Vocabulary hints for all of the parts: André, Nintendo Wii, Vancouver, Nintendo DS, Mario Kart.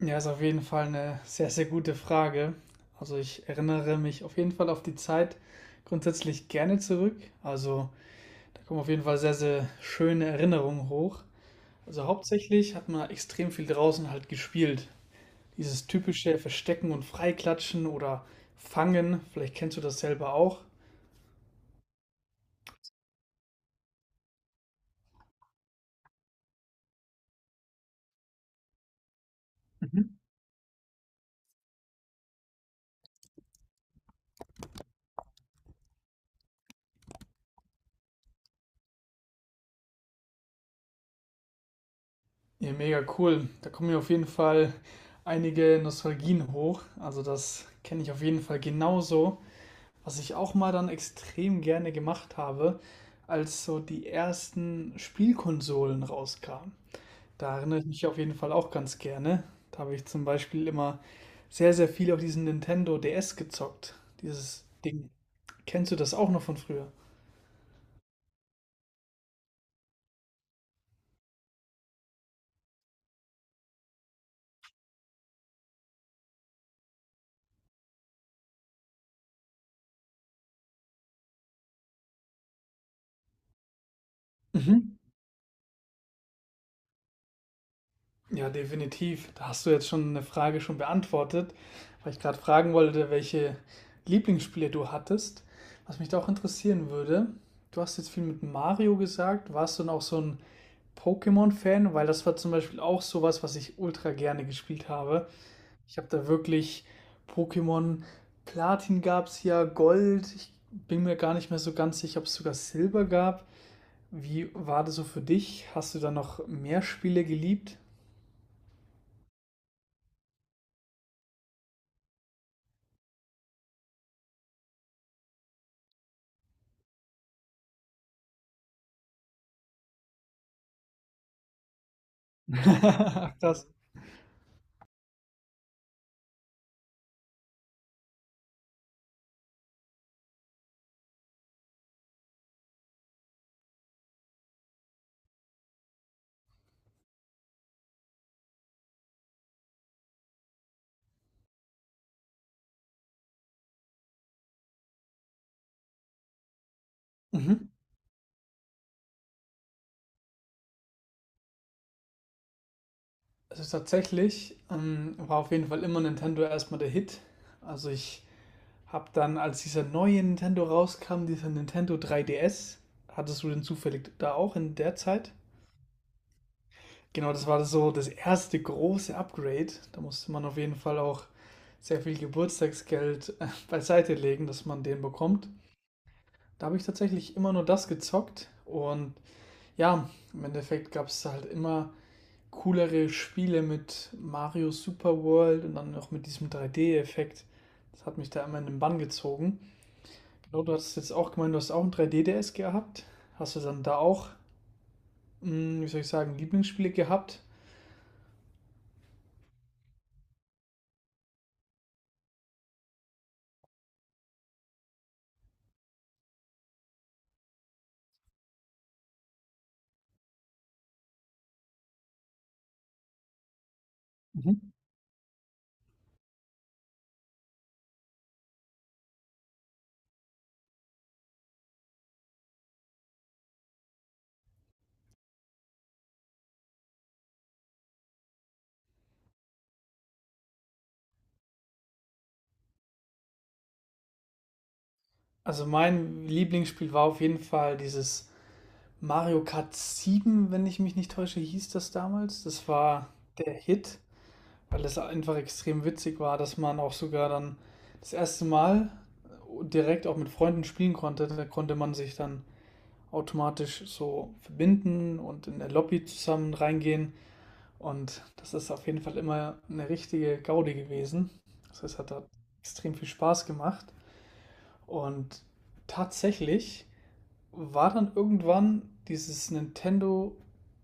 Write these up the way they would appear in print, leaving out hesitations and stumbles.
Ja, ist auf jeden Fall eine sehr, sehr gute Frage. Also ich erinnere mich auf jeden Fall auf die Zeit grundsätzlich gerne zurück. Also da kommen auf jeden Fall sehr, sehr schöne Erinnerungen hoch. Also hauptsächlich hat man extrem viel draußen halt gespielt. Dieses typische Verstecken und Freiklatschen oder Fangen, vielleicht kennst du das selber auch. Mhm. Ja, mega cool. Da kommen mir auf jeden Fall einige Nostalgien hoch. Also das kenne ich auf jeden Fall genauso. Was ich auch mal dann extrem gerne gemacht habe, als so die ersten Spielkonsolen rauskamen. Da erinnere ich mich auf jeden Fall auch ganz gerne. Da habe ich zum Beispiel immer sehr, sehr viel auf diesen Nintendo DS gezockt. Dieses Ding. Kennst du das auch noch von früher? Mhm. Ja, definitiv. Da hast du jetzt schon eine Frage schon beantwortet, weil ich gerade fragen wollte, welche Lieblingsspiele du hattest. Was mich da auch interessieren würde, du hast jetzt viel mit Mario gesagt. Warst du noch so ein Pokémon-Fan, weil das war zum Beispiel auch sowas, was ich ultra gerne gespielt habe. Ich habe da wirklich Pokémon Platin gab es ja, Gold. Ich bin mir gar nicht mehr so ganz sicher, ob es sogar Silber gab. Wie war das so für dich? Hast du da noch mehr Spiele geliebt? Ach, das. Mhm. Also tatsächlich war auf jeden Fall immer Nintendo erstmal der Hit. Also ich habe dann, als dieser neue Nintendo rauskam, dieser Nintendo 3DS, hattest du den zufällig da auch in der Zeit? Genau, das war das so das erste große Upgrade. Da musste man auf jeden Fall auch sehr viel Geburtstagsgeld beiseite legen, dass man den bekommt. Da habe ich tatsächlich immer nur das gezockt und ja, im Endeffekt gab es halt immer coolere Spiele mit Mario Super World und dann noch mit diesem 3D-Effekt. Das hat mich da immer in den Bann gezogen. Genau, du hast jetzt auch gemeint, du hast auch ein 3D-DS gehabt. Hast du dann da auch, wie soll ich sagen, Lieblingsspiele gehabt? Mhm. Also mein Lieblingsspiel war auf jeden Fall dieses Mario Kart 7, wenn ich mich nicht täusche, hieß das damals. Das war der Hit, weil es einfach extrem witzig war, dass man auch sogar dann das erste Mal direkt auch mit Freunden spielen konnte. Da konnte man sich dann automatisch so verbinden und in der Lobby zusammen reingehen. Und das ist auf jeden Fall immer eine richtige Gaudi gewesen. Also es hat da extrem viel Spaß gemacht. Und tatsächlich war dann irgendwann dieses Nintendo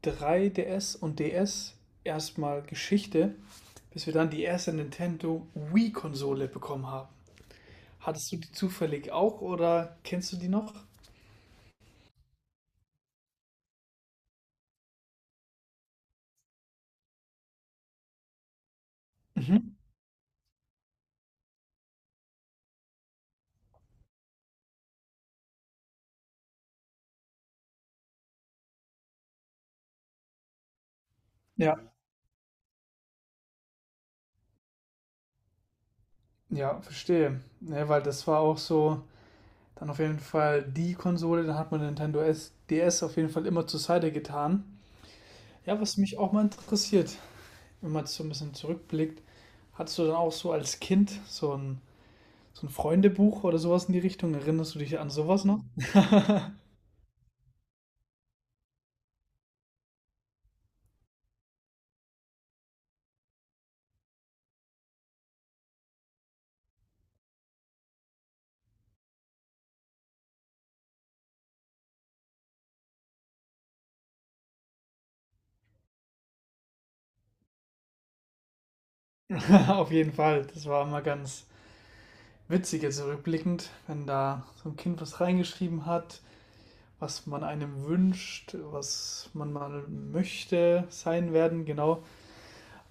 3DS und DS erstmal Geschichte, bis wir dann die erste Nintendo Wii-Konsole bekommen haben. Hattest du die zufällig auch oder kennst du die noch? Mhm. Ja, ja, verstehe. Ne, weil das war auch so, dann auf jeden Fall die Konsole, dann hat man Nintendo S, DS auf jeden Fall immer zur Seite getan. Ja, was mich auch mal interessiert, wenn man so ein bisschen zurückblickt, hattest du dann auch so als Kind so ein so ein Freundebuch oder sowas in die Richtung? Erinnerst du dich an sowas noch? Auf jeden Fall. Das war immer ganz witzig jetzt rückblickend, wenn da so ein Kind was reingeschrieben hat, was man einem wünscht, was man mal möchte sein werden, genau.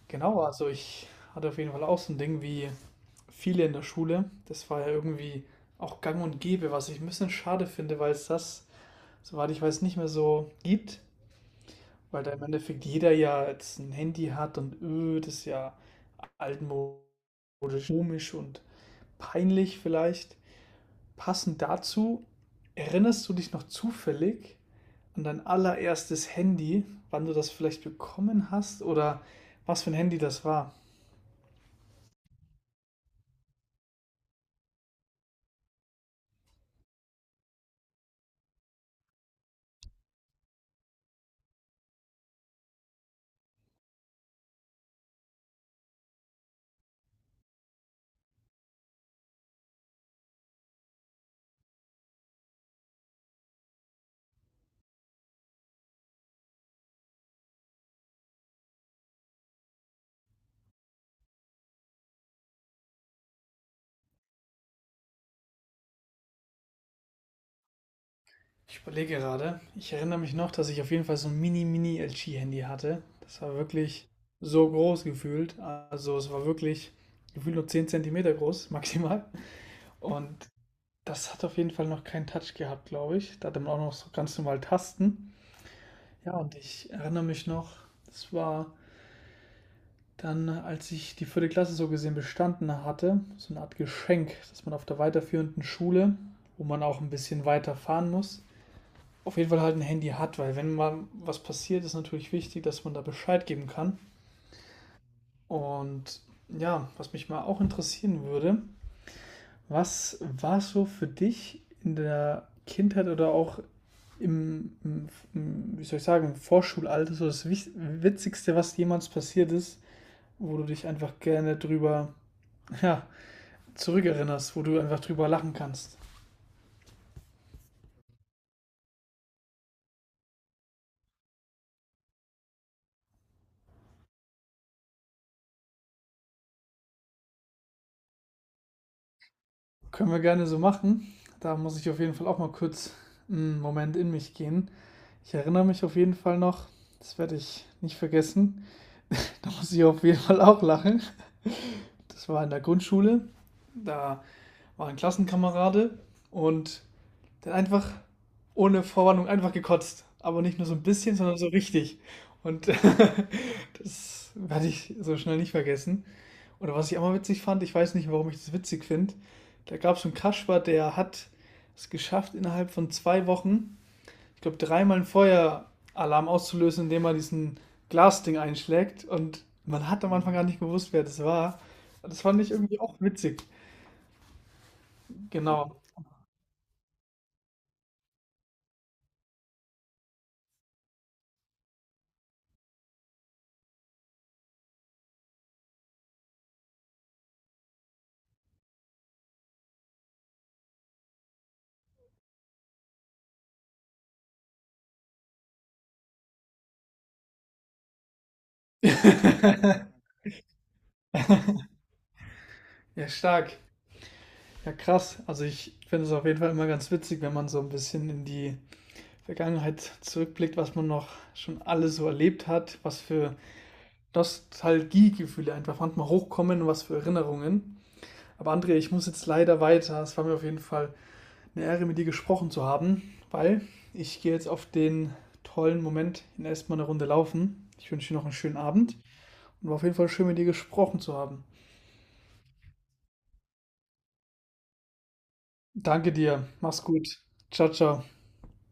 Genau, also ich hatte auf jeden Fall auch so ein Ding wie viele in der Schule. Das war ja irgendwie auch gang und gäbe, was ich ein bisschen schade finde, weil es das, soweit ich weiß, nicht mehr so gibt. Weil da im Endeffekt jeder ja jetzt ein Handy hat und das ist ja altmodisch, komisch und peinlich vielleicht. Passend dazu, erinnerst du dich noch zufällig an dein allererstes Handy, wann du das vielleicht bekommen hast oder was für ein Handy das war? Ich überlege gerade. Ich erinnere mich noch, dass ich auf jeden Fall so ein Mini-Mini-LG-Handy hatte. Das war wirklich so groß gefühlt. Also es war wirklich gefühlt nur 10 cm groß, maximal. Und das hat auf jeden Fall noch keinen Touch gehabt, glaube ich. Da hatte man auch noch so ganz normal Tasten. Ja, und ich erinnere mich noch, das war dann, als ich die vierte Klasse so gesehen bestanden hatte, so eine Art Geschenk, dass man auf der weiterführenden Schule, wo man auch ein bisschen weiter fahren muss, auf jeden Fall halt ein Handy hat, weil wenn mal was passiert, ist natürlich wichtig, dass man da Bescheid geben kann. Und ja, was mich mal auch interessieren würde, was war so für dich in der Kindheit oder auch im, wie soll ich sagen, im Vorschulalter so das Witzigste, was jemals passiert ist, wo du dich einfach gerne drüber, ja, zurückerinnerst, wo du einfach drüber lachen kannst. Können wir gerne so machen. Da muss ich auf jeden Fall auch mal kurz einen Moment in mich gehen. Ich erinnere mich auf jeden Fall noch, das werde ich nicht vergessen. Da muss ich auf jeden Fall auch lachen. Das war in der Grundschule. Da war ein Klassenkamerade und dann einfach ohne Vorwarnung einfach gekotzt. Aber nicht nur so ein bisschen, sondern so richtig. Und das werde ich so schnell nicht vergessen. Oder was ich auch mal witzig fand, ich weiß nicht, warum ich das witzig finde. Da gab es einen Kasper, der hat es geschafft, innerhalb von 2 Wochen, ich glaube, dreimal einen Feueralarm auszulösen, indem er diesen Glasding einschlägt. Und man hat am Anfang gar nicht gewusst, wer das war. Das fand ich irgendwie auch witzig. Genau. Ja, stark. Ja, krass. Also ich finde es auf jeden Fall immer ganz witzig, wenn man so ein bisschen in die Vergangenheit zurückblickt, was man noch schon alles so erlebt hat, was für Nostalgiegefühle einfach manchmal hochkommen und was für Erinnerungen. Aber André, ich muss jetzt leider weiter. Es war mir auf jeden Fall eine Ehre, mit dir gesprochen zu haben, weil ich gehe jetzt auf den tollen Moment in erstmal eine Runde laufen. Ich wünsche dir noch einen schönen Abend und war auf jeden Fall schön, mit dir gesprochen zu haben. Danke dir. Mach's gut. Ciao, ciao.